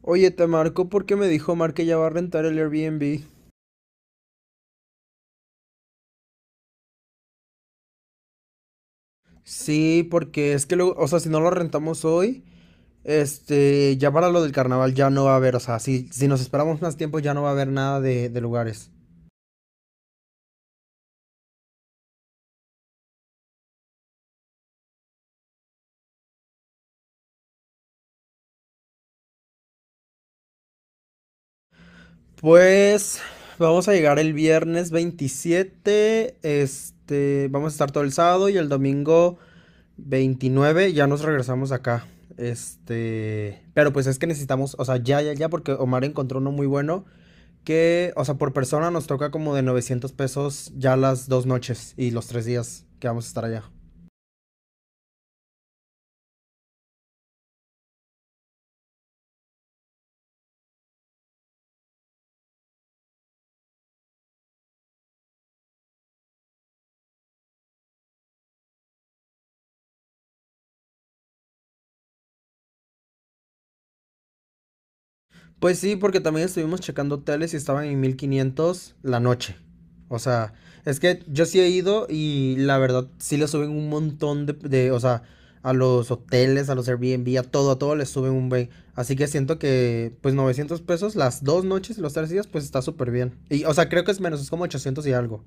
Oye, te marco porque me dijo Mar que ya va a rentar el Airbnb. Sí, porque es que luego, o sea, si no lo rentamos hoy, ya para lo del carnaval ya no va a haber, o sea, si, si nos esperamos más tiempo ya no va a haber nada de lugares. Pues vamos a llegar el viernes 27, vamos a estar todo el sábado y el domingo 29, ya nos regresamos acá. Pero pues es que necesitamos, o sea, ya, ya, ya, porque Omar encontró uno muy bueno que, o sea, por persona nos toca como de $900 ya las dos noches y los tres días que vamos a estar allá. Pues sí, porque también estuvimos checando hoteles y estaban en 1500 la noche. O sea, es que yo sí he ido y la verdad sí le suben un montón de, o sea, a los hoteles, a los Airbnb, a todo les suben un bey. Así que siento que, pues $900 las dos noches y los tres días, pues está súper bien. Y, o sea, creo que es menos, es como 800 y algo.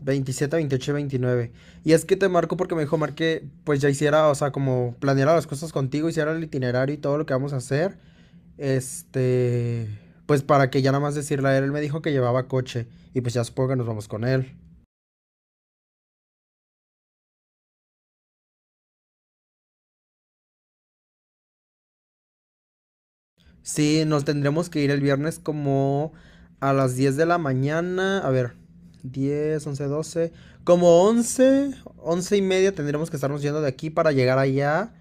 27 28 y 29. Y es que te marco porque me dijo Mar que pues ya hiciera, o sea, como planeara las cosas contigo, hiciera el itinerario y todo lo que vamos a hacer. Este, pues para que ya nada más decirle a él, él me dijo que llevaba coche y pues ya supongo que nos vamos con él. Sí, nos tendremos que ir el viernes como a las 10 de la mañana, a ver, 10 11 doce, como once, 11 y media tendremos que estarnos yendo de aquí para llegar allá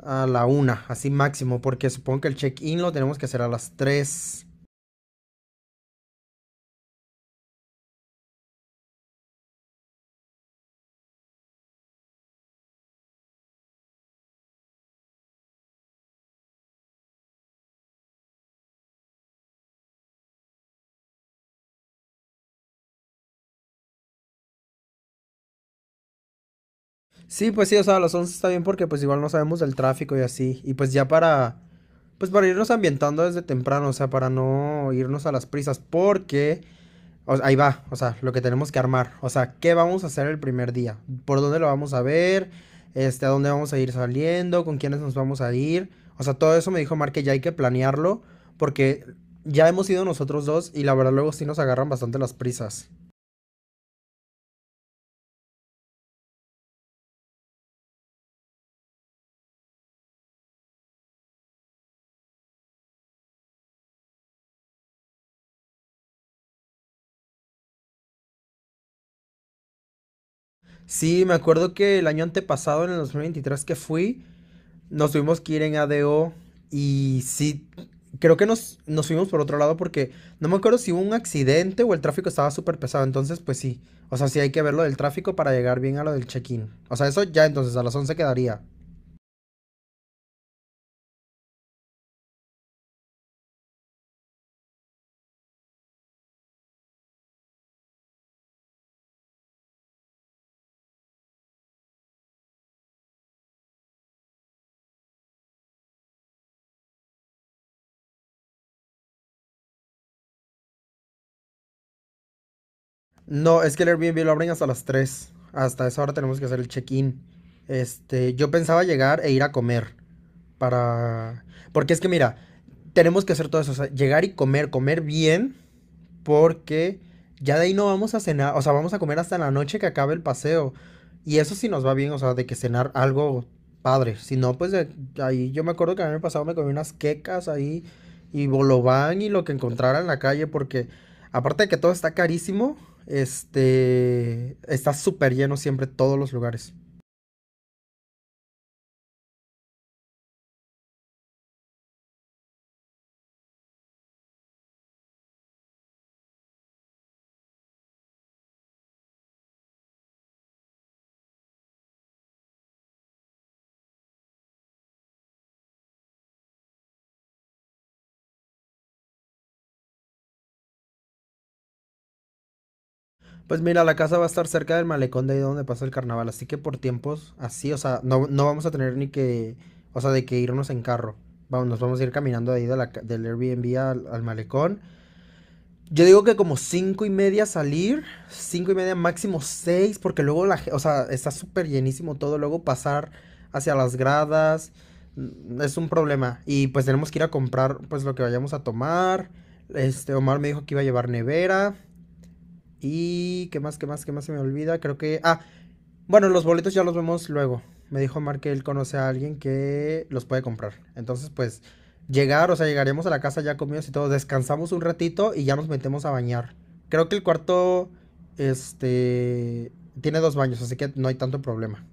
a la una, así máximo, porque supongo que el check-in lo tenemos que hacer a las tres. Sí, pues sí, o sea, a las 11 está bien porque pues igual no sabemos del tráfico y así. Y pues ya para irnos ambientando desde temprano, o sea, para no irnos a las prisas, porque. O ahí va, o sea, lo que tenemos que armar. O sea, ¿qué vamos a hacer el primer día? ¿Por dónde lo vamos a ver? ¿A dónde vamos a ir saliendo? ¿Con quiénes nos vamos a ir? O sea, todo eso me dijo Mar que ya hay que planearlo porque ya hemos ido nosotros dos y la verdad luego sí nos agarran bastante las prisas. Sí, me acuerdo que el año antepasado, en el 2023 que fui, nos tuvimos que ir en ADO y sí, creo que nos fuimos por otro lado porque no me acuerdo si hubo un accidente o el tráfico estaba súper pesado. Entonces, pues sí. O sea, sí hay que ver lo del tráfico para llegar bien a lo del check-in. O sea, eso ya entonces a las 11 quedaría. No, es que el Airbnb lo abren hasta las tres. Hasta esa hora tenemos que hacer el check-in. Yo pensaba llegar e ir a comer. Para. Porque es que mira, tenemos que hacer todo eso. O sea, llegar y comer, comer bien. Porque ya de ahí no vamos a cenar, o sea, vamos a comer hasta la noche que acabe el paseo. Y eso sí nos va bien, o sea, de que cenar algo padre. Si no, pues ahí yo me acuerdo que el año pasado me comí unas quecas ahí y bolobán y lo que encontrara en la calle, porque aparte de que todo está carísimo, está súper lleno siempre todos los lugares. Pues mira, la casa va a estar cerca del malecón de ahí donde pasa el carnaval, así que por tiempos así, o sea, no, no vamos a tener ni que, o sea, de que irnos en carro. Vamos, nos vamos a ir caminando de ahí del Airbnb al malecón. Yo digo que como cinco y media salir, cinco y media máximo seis, porque luego o sea, está súper llenísimo todo, luego pasar hacia las gradas, es un problema. Y pues tenemos que ir a comprar pues lo que vayamos a tomar. Omar me dijo que iba a llevar nevera. Y qué más, qué más, qué más se me olvida. Creo que. Ah, bueno, los boletos ya los vemos luego. Me dijo Mar que él conoce a alguien que los puede comprar. Entonces, pues, llegar, o sea, llegaremos a la casa ya comidos y todo. Descansamos un ratito y ya nos metemos a bañar. Creo que el cuarto. Este. Tiene dos baños, así que no hay tanto problema.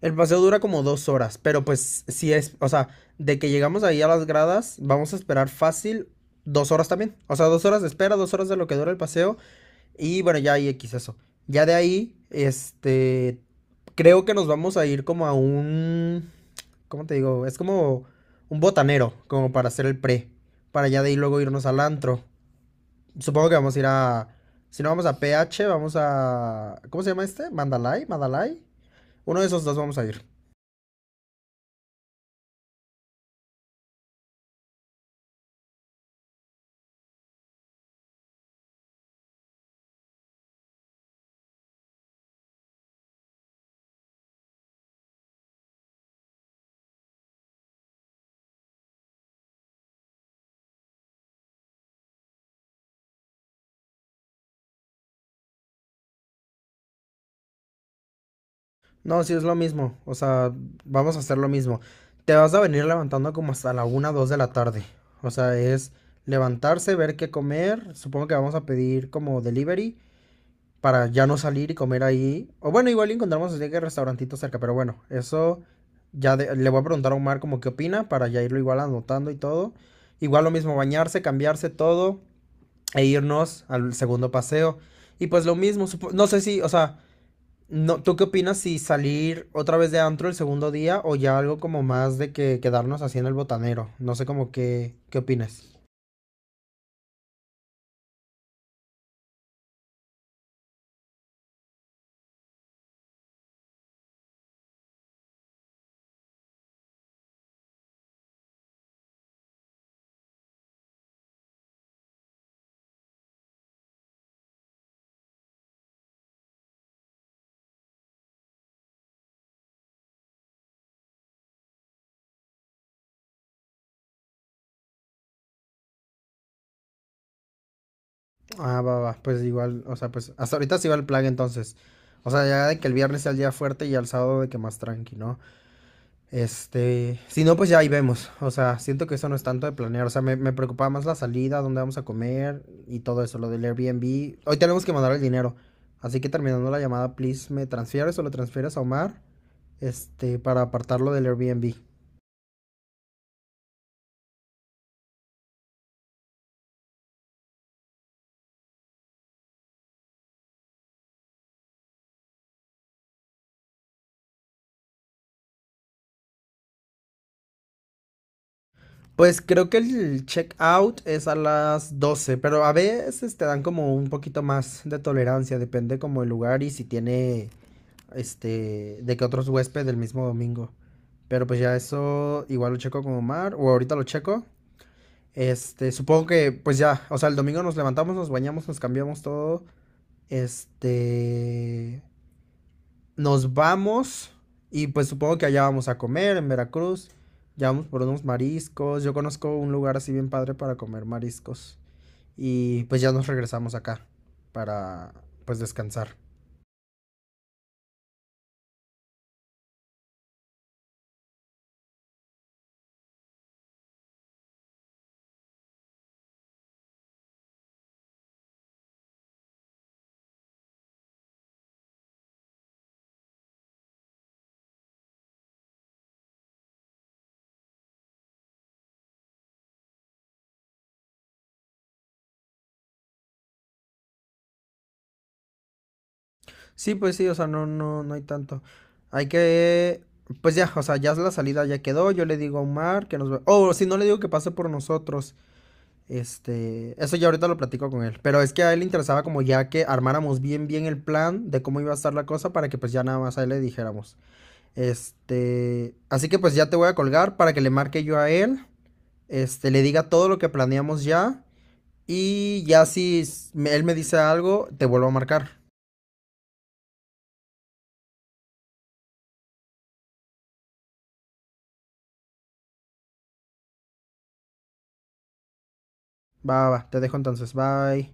El paseo dura como dos horas, pero pues si es, o sea, de que llegamos ahí a las gradas, vamos a esperar fácil dos horas también. O sea, dos horas de espera, dos horas de lo que dura el paseo. Y bueno, ya ahí X eso. Ya de ahí, creo que nos vamos a ir como a un, ¿cómo te digo? Es como un botanero, como para hacer el pre. Para ya de ahí luego irnos al antro. Supongo que vamos a ir a, si no vamos a PH, vamos a, ¿cómo se llama este? Mandalay, Mandalay. Uno de esos dos vamos a ir. No, sí es lo mismo. O sea, vamos a hacer lo mismo. Te vas a venir levantando como hasta la una, 2 de la tarde. O sea, es levantarse, ver qué comer. Supongo que vamos a pedir como delivery para ya no salir y comer ahí. O bueno, igual encontramos así que restaurantito cerca, pero bueno, eso ya le voy a preguntar a Omar como qué opina para ya irlo igual anotando y todo. Igual lo mismo, bañarse, cambiarse todo e irnos al segundo paseo. Y pues lo mismo, no sé si, o sea, no, ¿tú qué opinas si salir otra vez de antro el segundo día o ya algo como más de que quedarnos así en el botanero? No sé como que, ¿qué opinas? Ah, va, va, pues igual, o sea, pues hasta ahorita sí va el plan entonces. O sea, ya de que el viernes sea el día fuerte y al sábado de que más tranqui, ¿no? Si no, pues ya ahí vemos. O sea, siento que eso no es tanto de planear. O sea, me preocupaba más la salida, dónde vamos a comer y todo eso, lo del Airbnb. Hoy tenemos que mandar el dinero. Así que terminando la llamada, please, me transfieres o lo transfieres a Omar, para apartarlo del Airbnb. Pues creo que el check out es a las 12, pero a veces te dan como un poquito más de tolerancia, depende como el lugar y si tiene de que otros huéspedes del mismo domingo. Pero pues ya eso igual lo checo con Omar, o ahorita lo checo. Supongo que pues ya, o sea, el domingo nos levantamos, nos bañamos, nos cambiamos todo. Este, nos vamos y pues supongo que allá vamos a comer en Veracruz. Ya vamos por unos mariscos. Yo conozco un lugar así bien padre para comer mariscos. Y pues ya nos regresamos acá para pues descansar. Sí, pues sí, o sea, no, no, no hay tanto. Hay que, pues ya, o sea, ya la salida ya quedó. Yo le digo a Omar que nos ve. O si no le digo que pase por nosotros. Eso ya ahorita lo platico con él. Pero es que a él le interesaba como ya que armáramos bien, bien el plan de cómo iba a estar la cosa para que pues ya nada más a él le dijéramos. Así que pues ya te voy a colgar para que le marque yo a él. Le diga todo lo que planeamos ya. Y ya si él me dice algo, te vuelvo a marcar. Va, va, va, te dejo entonces. Bye.